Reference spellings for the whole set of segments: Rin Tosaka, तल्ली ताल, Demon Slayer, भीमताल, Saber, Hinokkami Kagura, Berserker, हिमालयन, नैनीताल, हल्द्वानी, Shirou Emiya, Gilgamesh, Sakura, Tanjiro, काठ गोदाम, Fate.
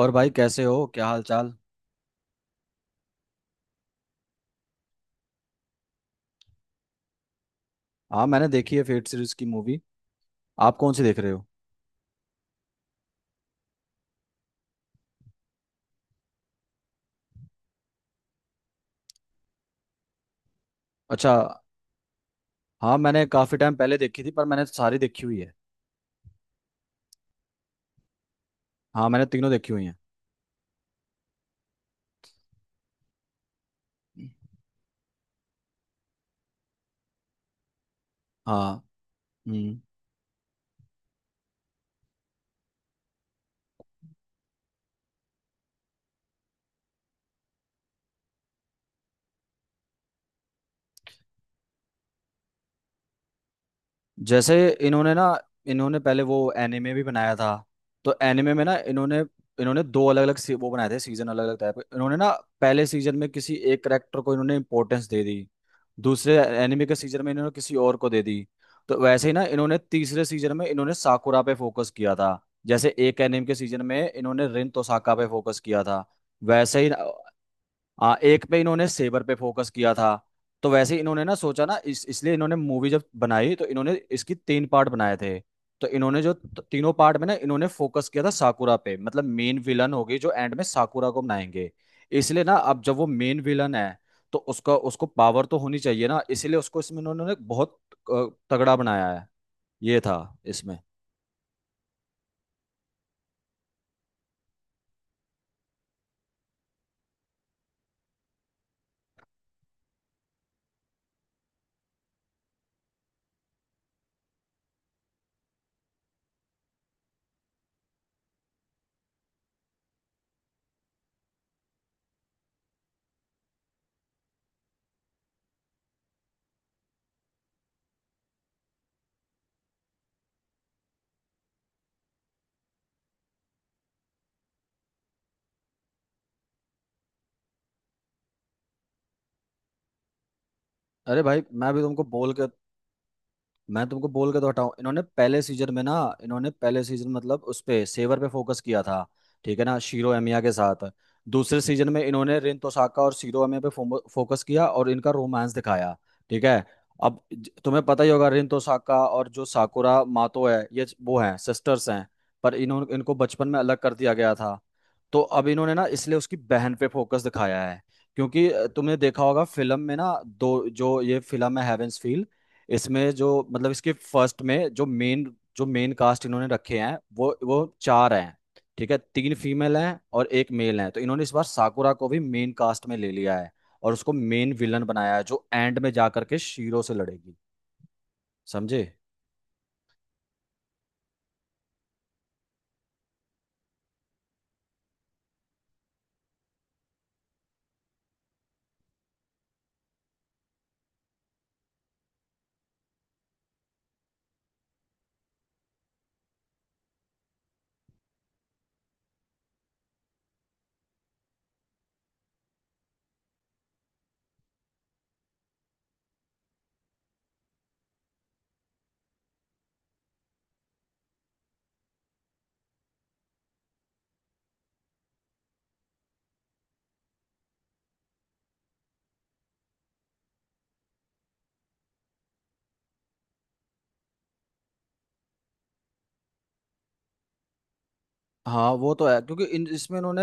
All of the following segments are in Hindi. और भाई कैसे हो, क्या हाल चाल। हाँ, मैंने देखी है फेट सीरीज की मूवी। आप कौन सी देख रहे हो? अच्छा। हाँ, मैंने काफी टाइम पहले देखी थी, पर मैंने सारी देखी हुई है। हाँ, मैंने तीनों देखी हुई हैं। हाँ। हम्म। जैसे इन्होंने ना इन्होंने पहले वो एनिमे भी बनाया था। तो एनिमे में ना इन्होंने इन्होंने दो अलग अलग वो बनाए थे सीजन अलग अलग टाइप के इन्होंने ना। पहले सीजन में किसी एक करेक्टर को इन्होंने इंपॉर्टेंस दे दी। दूसरे एनिमे के सीजन में इन्होंने किसी और को दे दी। तो वैसे ही ना इन्होंने तीसरे सीजन में इन्होंने साकुरा पे फोकस किया था। जैसे एक एनिमे के सीजन में इन्होंने रिन तोसाका पे फोकस किया था। वैसे ही एक पे इन्होंने सेबर पे फोकस किया था। तो वैसे ही इन्होंने ना सोचा ना इस इसलिए इन्होंने मूवी जब बनाई तो इन्होंने इसकी तीन पार्ट बनाए थे। तो इन्होंने जो तीनों पार्ट में ना इन्होंने फोकस किया था साकुरा पे, मतलब मेन विलन होगी, जो एंड में साकुरा को बनाएंगे। इसलिए ना अब जब वो मेन विलन है, तो उसका उसको पावर तो होनी चाहिए ना, इसलिए उसको इसमें इन्होंने बहुत तगड़ा बनाया है। ये था इसमें। अरे भाई, मैं भी तुमको बोल के, मैं तुमको बोल के तो हटाऊं। इन्होंने पहले सीजन में ना, इन्होंने पहले सीजन मतलब उस पे सेवर पे फोकस किया था, ठीक है ना, शीरो एमिया के साथ। दूसरे सीजन में इन्होंने रिन तोसाका और शीरो एमिया पे फोकस किया और इनका रोमांस दिखाया, ठीक है। अब तुम्हें पता ही होगा रिन तोसाका और जो साकुरा मातो है, ये वो हैं, सिस्टर्स हैं। पर इन्होंने इनको बचपन में अलग कर दिया गया था। तो अब इन्होंने ना इसलिए उसकी बहन पे फोकस दिखाया है। क्योंकि तुमने देखा होगा फिल्म में ना, दो जो ये फिल्म है हेवेंस इसमें जो मतलब इसके फर्स्ट में जो मेन कास्ट इन्होंने रखे हैं, वो चार हैं। ठीक है, तीन फीमेल हैं और एक मेल है। तो इन्होंने इस बार साकुरा को भी मेन कास्ट में ले लिया है और उसको मेन विलन बनाया है, जो एंड में जा करके शीरो से लड़ेगी। समझे? हाँ, वो तो है, क्योंकि इन इसमें इन्होंने,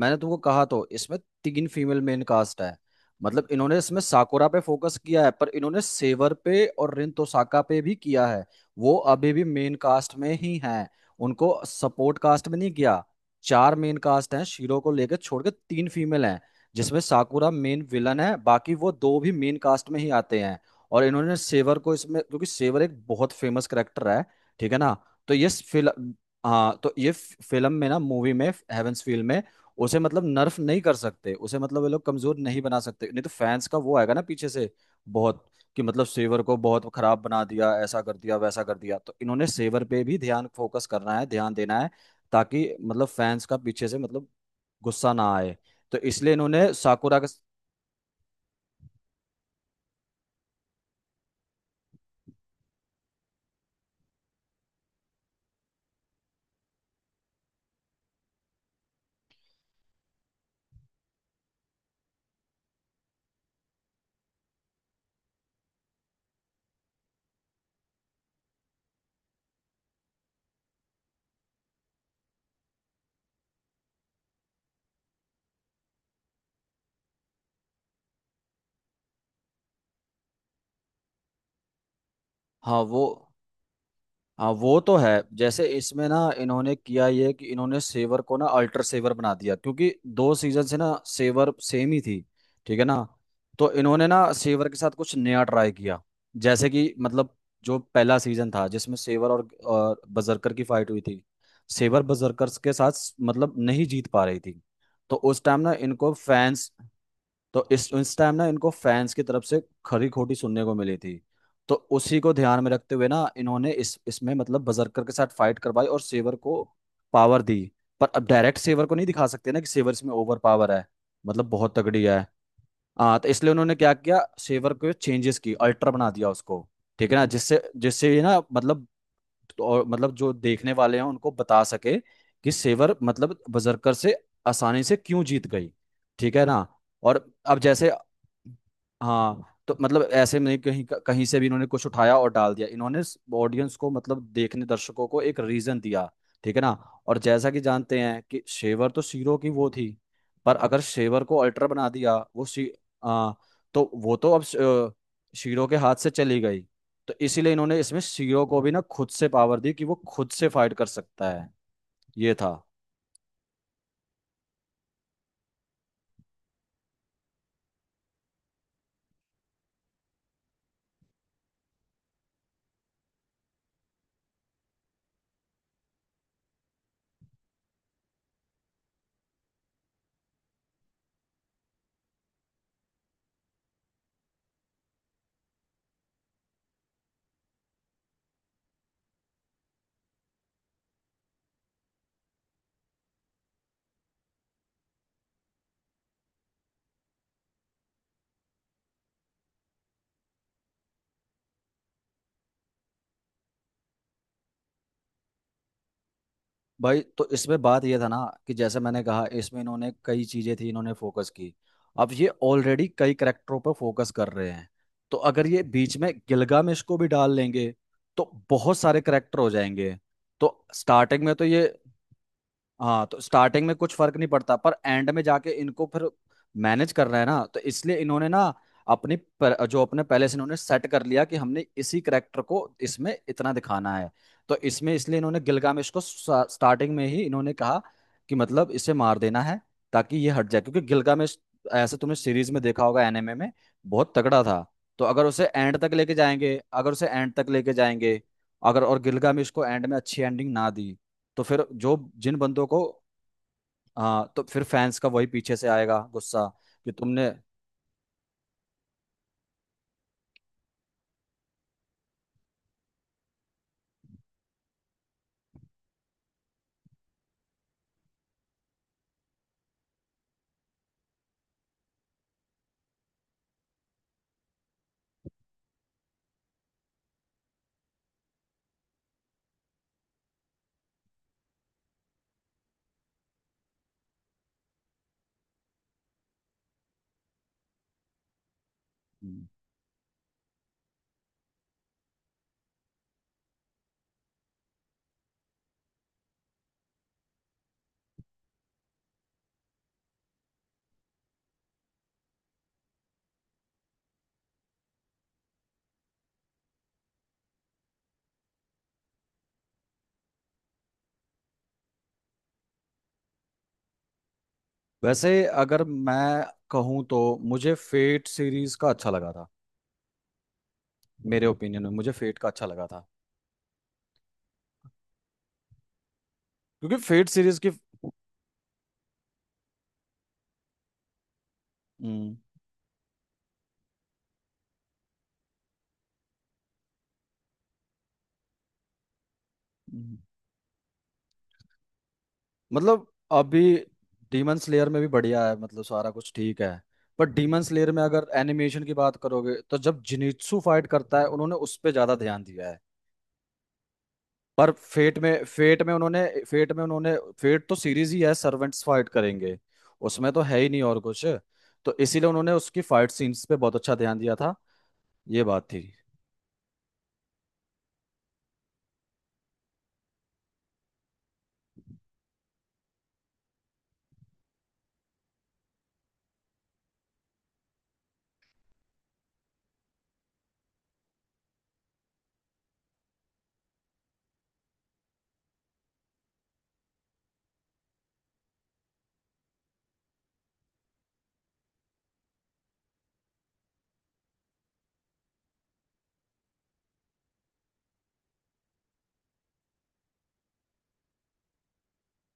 मैंने तुमको कहा तो इसमें तीन फीमेल मेन कास्ट है। मतलब इन्होंने इसमें साकुरा पे फोकस किया है, पर इन्होंने सेवर पे और रिन तोसाका पे भी किया है। वो अभी भी मेन कास्ट में ही हैं। उनको सपोर्ट कास्ट में नहीं किया। चार मेन कास्ट हैं, शीरो को लेकर छोड़ के तीन फीमेल हैं, जिसमें साकुरा मेन विलन है, बाकी वो दो भी मेन कास्ट में ही आते हैं। और इन्होंने सेवर को इसमें, क्योंकि सेवर एक बहुत फेमस करेक्टर है, ठीक है ना। तो ये, हाँ तो ये फिल्म में ना, मूवी में, हेवंसफील्ड में, उसे मतलब नर्फ नहीं कर सकते, उसे मतलब ये लोग कमजोर नहीं बना सकते, नहीं तो फैंस का वो आएगा ना पीछे से बहुत, कि मतलब सेवर को बहुत खराब बना दिया, ऐसा कर दिया, वैसा कर दिया। तो इन्होंने सेवर पे भी ध्यान फोकस करना है, ध्यान देना है, ताकि मतलब फैंस का पीछे से मतलब गुस्सा ना आए। तो इसलिए इन्होंने साकुरा का, हाँ वो, हाँ वो तो है। जैसे इसमें ना इन्होंने किया ये कि इन्होंने सेवर को ना अल्टर सेवर बना दिया, क्योंकि दो सीजन से ना सेवर सेम ही थी, ठीक है ना। तो इन्होंने ना सेवर के साथ कुछ नया ट्राई किया। जैसे कि मतलब जो पहला सीजन था जिसमें सेवर और बजरकर की फाइट हुई थी, सेवर बजरकर के साथ मतलब नहीं जीत पा रही थी। तो उस टाइम ना इनको फैंस, तो इस टाइम ना इनको फैंस की तरफ से खरी खोटी सुनने को मिली थी। तो उसी को ध्यान में रखते हुए ना इन्होंने इस इसमें मतलब बजरकर के साथ फाइट करवाई और सेवर को पावर दी। पर अब डायरेक्ट सेवर को नहीं दिखा सकते ना कि सेवर इसमें ओवर पावर है, मतलब बहुत तगड़ी है। हाँ, तो इसलिए उन्होंने क्या किया, सेवर को चेंजेस की अल्ट्रा बना दिया उसको, ठीक है ना, जिससे जिससे ये ना मतलब, तो और मतलब जो देखने वाले हैं उनको बता सके कि सेवर मतलब बजरकर से आसानी से क्यों जीत गई, ठीक है ना। और अब जैसे, हाँ तो मतलब ऐसे में नहीं कहीं कहीं से भी इन्होंने कुछ उठाया और डाल दिया। इन्होंने ऑडियंस को मतलब देखने दर्शकों को एक रीजन दिया, ठीक है ना। और जैसा कि जानते हैं कि शेवर तो शीरो की वो थी, पर अगर शेवर को अल्टर बना दिया वो शी आ, तो वो तो अब शीरो के हाथ से चली गई। तो इसीलिए इन्होंने इसमें शीरो को भी ना खुद से पावर दी कि वो खुद से फाइट कर सकता है। ये था। भाई, तो इसमें बात यह था ना, कि जैसे मैंने कहा इसमें इन्होंने कई चीजें थी इन्होंने फोकस की। अब ये ऑलरेडी कई करेक्टरों पर फोकस कर रहे हैं। तो अगर ये बीच में गिलगामेश को भी डाल लेंगे तो बहुत सारे करेक्टर हो जाएंगे। तो स्टार्टिंग में तो ये, हाँ तो स्टार्टिंग में कुछ फर्क नहीं पड़ता, पर एंड में जाके इनको फिर मैनेज करना है ना। तो इसलिए इन्होंने ना अपनी जो अपने पहले से इन्होंने सेट कर लिया कि हमने इसी करेक्टर को इसमें इतना दिखाना है। तो इसमें इसलिए इन्होंने गिलगामेश को स्टार्टिंग में ही इन्होंने कहा कि मतलब इसे मार देना है, ताकि ये हट जाए। क्योंकि गिलगामेश, ऐसे तुमने सीरीज में देखा होगा, एनिमे में बहुत तगड़ा था। तो अगर उसे एंड तक लेके जाएंगे, अगर उसे एंड तक लेके जाएंगे, अगर और गिलगामेश को एंड में अच्छी एंडिंग ना दी, तो फिर जो जिन बंदों को, हाँ तो फिर फैंस का वही पीछे से आएगा गुस्सा कि तुमने। वैसे अगर मैं कहूँ तो मुझे फेट सीरीज का अच्छा लगा था। मेरे ओपिनियन में मुझे फेट का अच्छा लगा था। क्योंकि फेट सीरीज की, हम्म, हम्म। मतलब अभी डीमन स्लेयर में भी बढ़िया है, मतलब सारा कुछ ठीक है। पर डीमन स्लेयर में अगर एनिमेशन की बात करोगे तो जब जिनित्सु फाइट करता है उन्होंने उस पर ज्यादा ध्यान दिया है। पर फेट में उन्होंने, फेट तो सीरीज ही है, सर्वेंट्स फाइट करेंगे, उसमें तो है ही नहीं और कुछ। तो इसीलिए उन्होंने उसकी फाइट सीन्स पे बहुत अच्छा ध्यान दिया था। ये बात थी।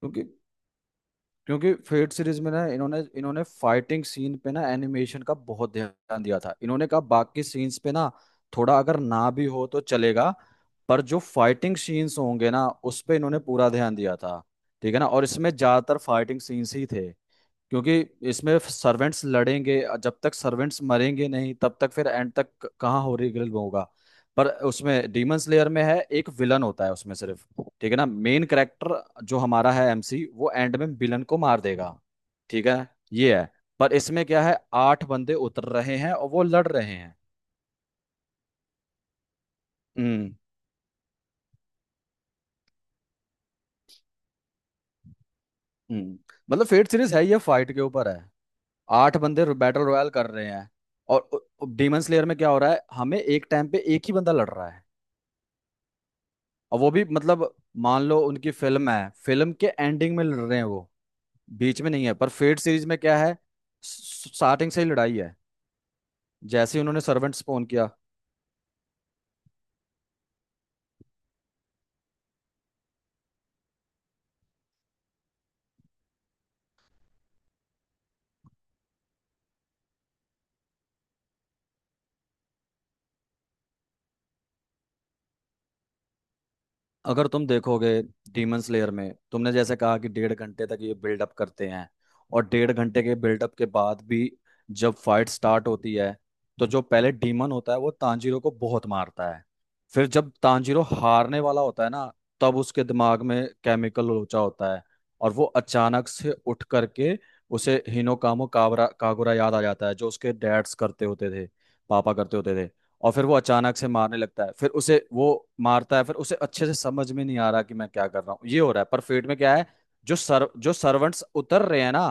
क्योंकि क्योंकि फेट सीरीज में ना इन्होंने इन्होंने फाइटिंग सीन पे ना एनिमेशन का बहुत ध्यान दिया था। इन्होंने कहा बाकी सीन्स पे ना थोड़ा अगर ना भी हो तो चलेगा, पर जो फाइटिंग सीन्स होंगे ना, उस पे इन्होंने पूरा ध्यान दिया था, ठीक है ना। और इसमें ज्यादातर फाइटिंग सीन्स ही थे, क्योंकि इसमें सर्वेंट्स लड़ेंगे, जब तक सर्वेंट्स मरेंगे नहीं, तब तक फिर एंड तक कहाँ होलीग्रेल होगा। पर उसमें डीमन स्लेयर में है, एक विलन होता है उसमें सिर्फ, ठीक है ना, मेन कैरेक्टर जो हमारा है एमसी, वो एंड में विलन को मार देगा, ठीक है। ये है। पर इसमें क्या है, आठ बंदे उतर रहे हैं और वो लड़ रहे हैं। हम्म। हम्म। मतलब फेट सीरीज है ये, फाइट के ऊपर है। आठ बंदे बैटल रॉयल कर रहे हैं। और डीमन स्लेयर में क्या हो रहा है, हमें एक टाइम पे एक ही बंदा लड़ रहा है। और वो भी मतलब मान लो उनकी फिल्म है, फिल्म के एंडिंग में लड़ रहे हैं वो, बीच में नहीं है। पर फेट सीरीज में क्या है, स्टार्टिंग से ही लड़ाई है, जैसे ही उन्होंने सर्वेंट स्पॉन किया। अगर तुम देखोगे डीमन स्लेयर में, तुमने जैसे कहा कि डेढ़ घंटे तक ये बिल्डअप करते हैं, और डेढ़ घंटे के बिल्डअप के बाद भी जब फाइट स्टार्ट होती है, तो जो पहले डीमन होता है वो तांजीरो को बहुत मारता है। फिर जब तांजीरो हारने वाला होता है ना, तब उसके दिमाग में केमिकल लोचा होता है और वो अचानक से उठ करके उसे हिनोकामो काबरा कागुरा याद आ जाता है, जो उसके डैड्स करते होते थे, पापा करते होते थे। और फिर वो अचानक से मारने लगता है, फिर उसे वो मारता है, फिर उसे अच्छे से समझ में नहीं आ रहा कि मैं क्या कर रहा हूँ, ये हो रहा है। पर फेट में क्या है, जो सर्वेंट्स उतर रहे हैं ना,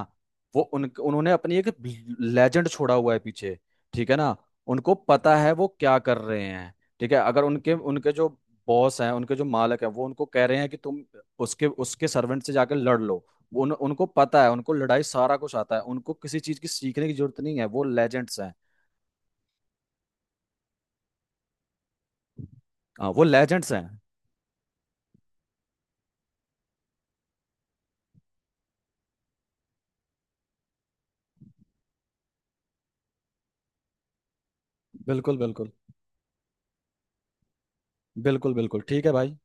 वो उन उन्होंने अपनी एक लेजेंड छोड़ा हुआ है पीछे, ठीक है ना। उनको पता है वो क्या कर रहे हैं, ठीक है। अगर उनके उनके जो बॉस हैं, उनके जो मालक हैं, वो उनको कह रहे हैं कि तुम उसके उसके सर्वेंट से जाकर लड़ लो, वो उनको पता है, उनको लड़ाई सारा कुछ आता है, उनको किसी चीज की सीखने की जरूरत नहीं है, वो लेजेंड्स हैं। हाँ, वो लेजेंड्स हैं। बिल्कुल बिल्कुल। बिल्कुल बिल्कुल ठीक है भाई।